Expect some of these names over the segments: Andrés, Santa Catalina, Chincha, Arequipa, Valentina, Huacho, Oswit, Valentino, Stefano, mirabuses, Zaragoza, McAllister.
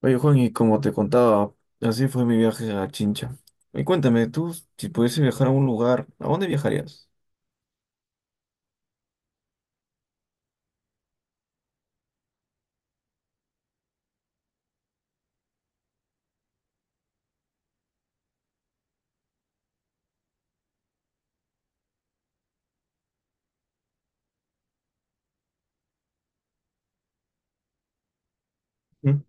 Oye, Juan, y como te contaba, así fue mi viaje a Chincha. Y cuéntame, tú, si pudiese viajar a un lugar, ¿a dónde viajarías? ¿Mm?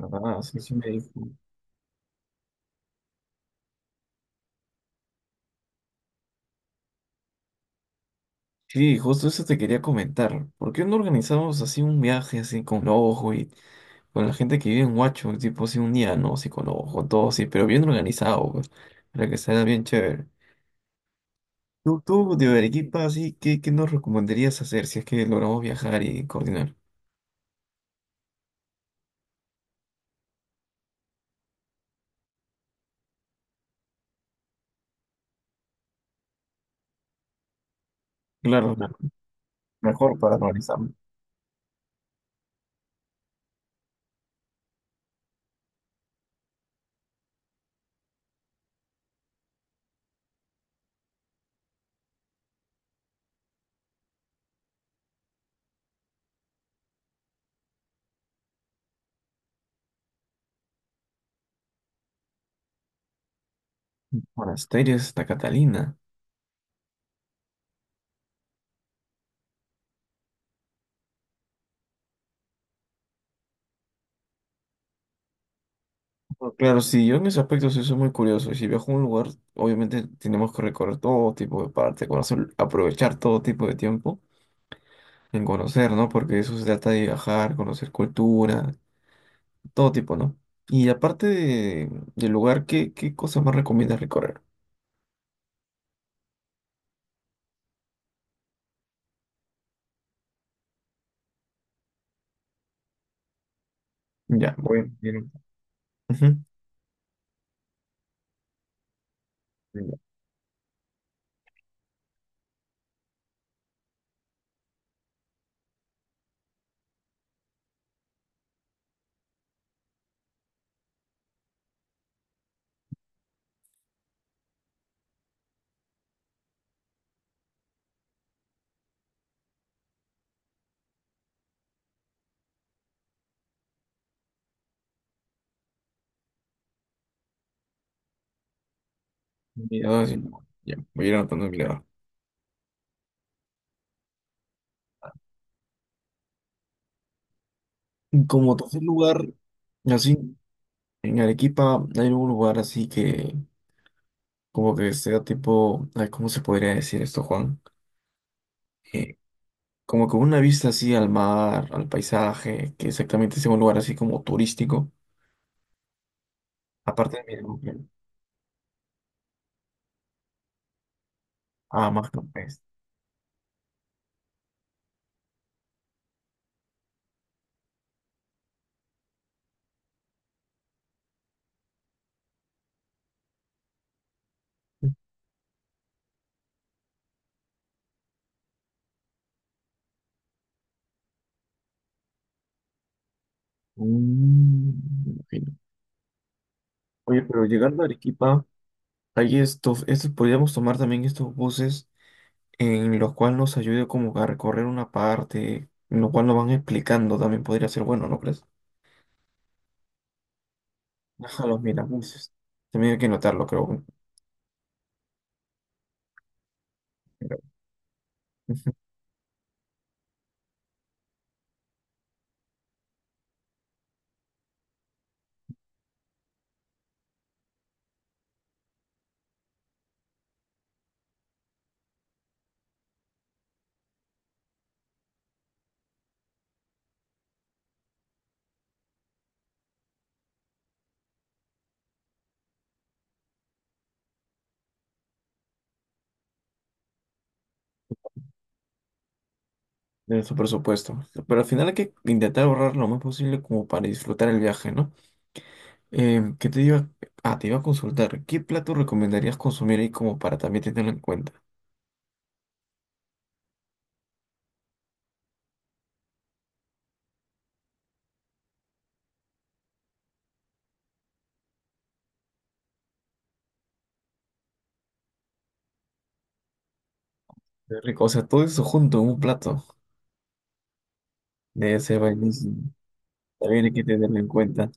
¿Verdad? Sí, sí me dijo. Sí, justo eso te quería comentar. ¿Por qué no organizamos así un viaje así con ojo y con la gente que vive en Huacho, tipo así un día, ¿no? Así con ojo, todo así, pero bien organizado, pues, para que sea bien chévere. Tú de Arequipa, así, ¿qué nos recomendarías hacer si es que logramos viajar y coordinar? Claro, me- mejor para organizar monasterios, Santa Catalina. Pues, claro, sí, yo en ese aspecto sí soy muy curioso. Y si viajo a un lugar, obviamente tenemos que recorrer todo tipo de parte, conocer, aprovechar todo tipo de tiempo en conocer, ¿no? Porque eso se trata de viajar, conocer cultura, todo tipo, ¿no? Y aparte de, del lugar, ¿qué cosas más recomiendas recorrer? Ya, voy a ir. Ujú. Ya, mira, sí, ya, voy a ir anotando en mi lado. Y como tercer lugar, así, en Arequipa hay un lugar así que, como que sea tipo, ay, ¿cómo se podría decir esto, Juan? eh, Como con una vista así al mar, al paisaje, que exactamente es un lugar así como turístico. Aparte de mi. Ah, más campestre. Mm, me imagino. Oye, pero llegando a Arequipa, hay estos, podríamos tomar también estos buses en los cuales nos ayude como a recorrer una parte, en lo cual nos van explicando, también podría ser bueno, ¿no crees? Ajá, los mirabuses. También hay que notarlo, creo. De nuestro presupuesto. Pero al final hay que intentar ahorrar lo más posible como para disfrutar el viaje, ¿no? Em, ¿qué te iba? Ah, te iba a consultar. ¿Qué plato recomendarías consumir ahí como para también tenerlo en cuenta? Qué rico. O sea, todo eso junto en un plato. Debe ser buenísimo. También hay que tenerlo en cuenta.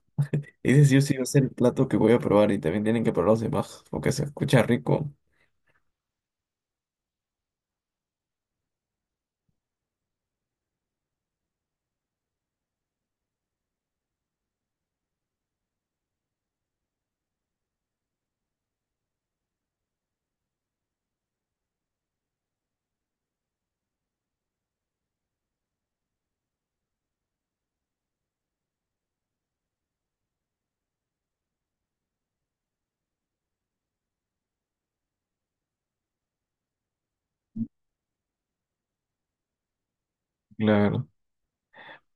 Ese sí o sí va a ser el plato que voy a probar y también tienen que probar los demás porque se escucha rico. Claro.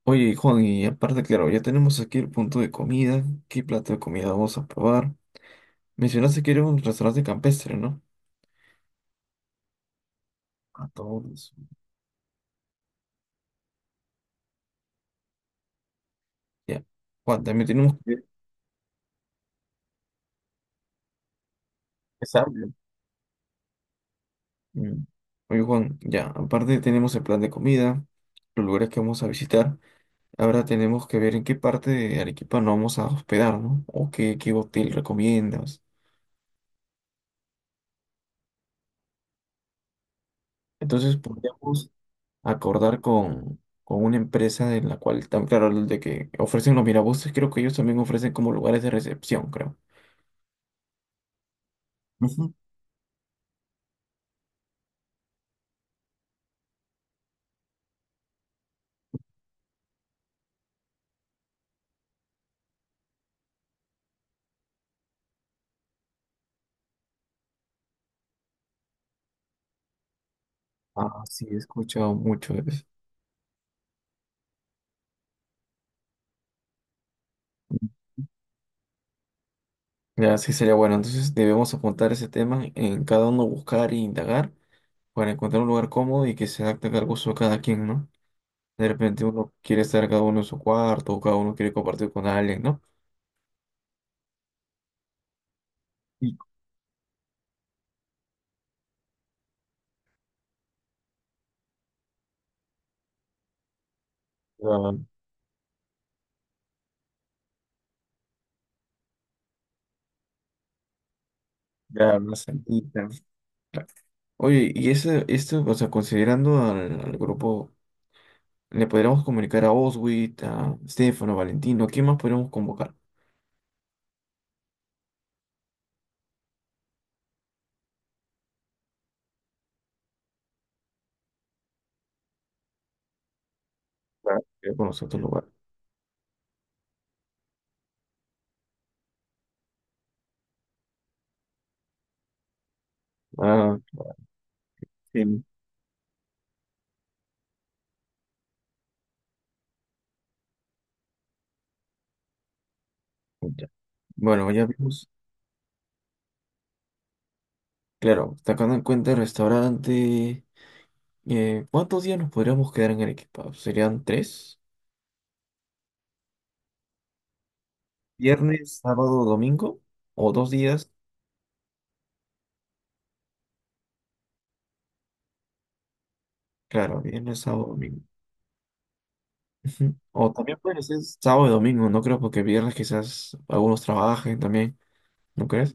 Oye, Juan, y aparte, claro, ya tenemos aquí el punto de comida. ¿Qué plato de comida vamos a probar? Mencionaste que era un restaurante campestre, ¿no? A todos. Ya. Juan, también tenemos que ver qué sabe. Mm. Oye, Juan, ya. Aparte tenemos el plan de comida, los lugares que vamos a visitar. Ahora tenemos que ver en qué parte de Arequipa nos vamos a hospedar, ¿no? O qué hotel recomiendas. Entonces podríamos acordar con una empresa de la cual, tam- claro, de que ofrecen los mirabuses, creo que ellos también ofrecen como lugares de recepción, creo. Ujú. Ah, sí, he escuchado mucho de eso. Ya, sí sería bueno. Entonces debemos apuntar ese tema en cada uno buscar e indagar para encontrar un lugar cómodo y que se adapte al gusto de cada quien, ¿no? De repente uno quiere estar cada uno en su cuarto o cada uno quiere compartir con alguien, ¿no? Y ah, ya, una salita. Oye, y ese, esto, o sea, considerando al grupo, ¿le podríamos comunicar a Oswit, a Stefano, Valentino? ¿Quién más podríamos convocar? Para que conozca otro lugar. Ah, sí. Ya. Bueno, ya vimos. Claro, sacando en cuenta el restaurante, ¿cuántos días nos podríamos quedar en Arequipa? ¿Serían tres? ¿Viernes, sábado, domingo? ¿O dos días? Claro, viernes, sábado, domingo. Ujú. O también puede ser sábado y domingo, no creo, porque viernes quizás algunos trabajen también, ¿no crees?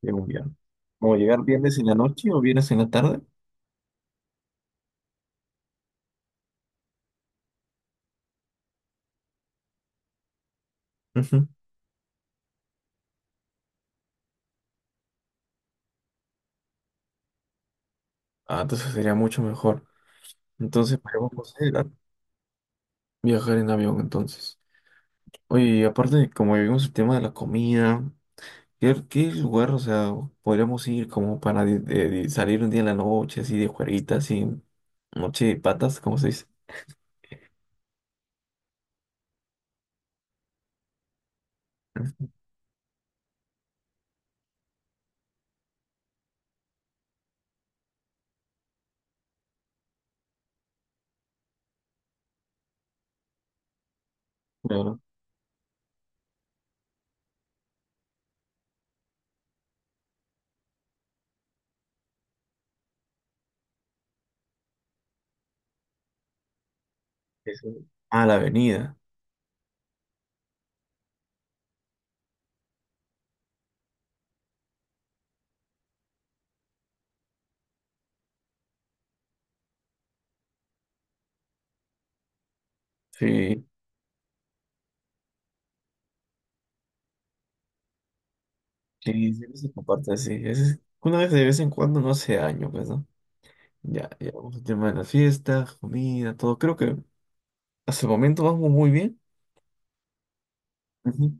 Llega un viernes. ¿O llegar viernes en la noche o viernes en la tarde? Ujú. Ah, entonces sería mucho mejor. Entonces podemos considerar viajar en avión entonces. Oye, y aparte, como vimos el tema de la comida. ¿Qué lugar, o sea, podríamos ir como para di- de salir un día en la noche, así de juerguita, así, noche de patas, ¿cómo se dice? Claro. Eso. Ah, la avenida. Sí, sí, siempre se comparte así. Es- una vez de vez en cuando no hace daño, pues, ¿no? Ya, ya vamos al tema de las fiestas, comida, todo. Creo que hasta el momento vamos muy bien. Ujú,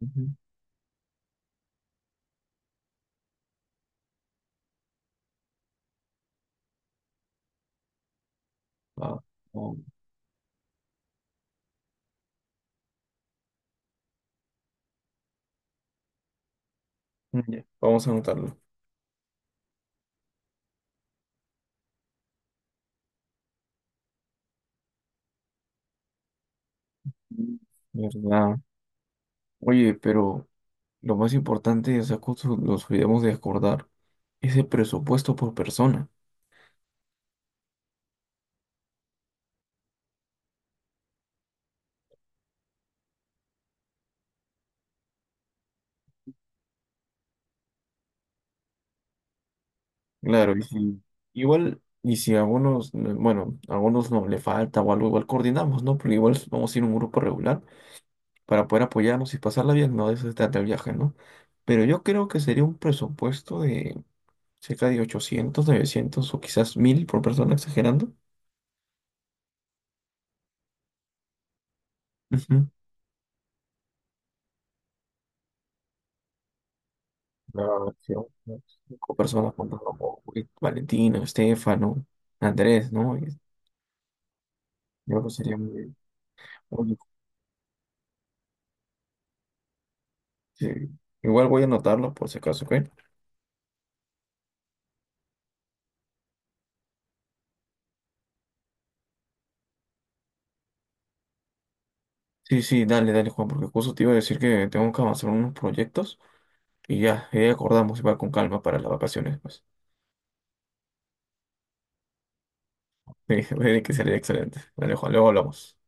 ujú. Ah, ah, ya, vamos a anotarlo. Mm, ¿verdad? Oye, pero lo más importante es que nos olvidemos de acordar ese presupuesto por persona. Claro, y si igual, y si a algunos, bueno, a algunos no le falta o algo, igual coordinamos, ¿no? Pero igual vamos a ir a un grupo regular para poder apoyarnos y pasarla bien, no de eso se trata el viaje, ¿no? Pero yo creo que sería un presupuesto de cerca de 800 900 o quizás mil por persona, exagerando. Ujú. No, sí, unas cinco personas contando con Valentina, Estefano, Andrés, ¿no? Yo creo que sería muy bien. Oye, sí, igual voy a anotarlo por si acaso, ¿ok? Sí, sí, dale, Juan, porque justo te iba a decir que tengo que avanzar unos proyectos y ya, ya acordamos, va con calma para las vacaciones, pues. Sí, que sería excelente. Dale, Juan, luego hablamos.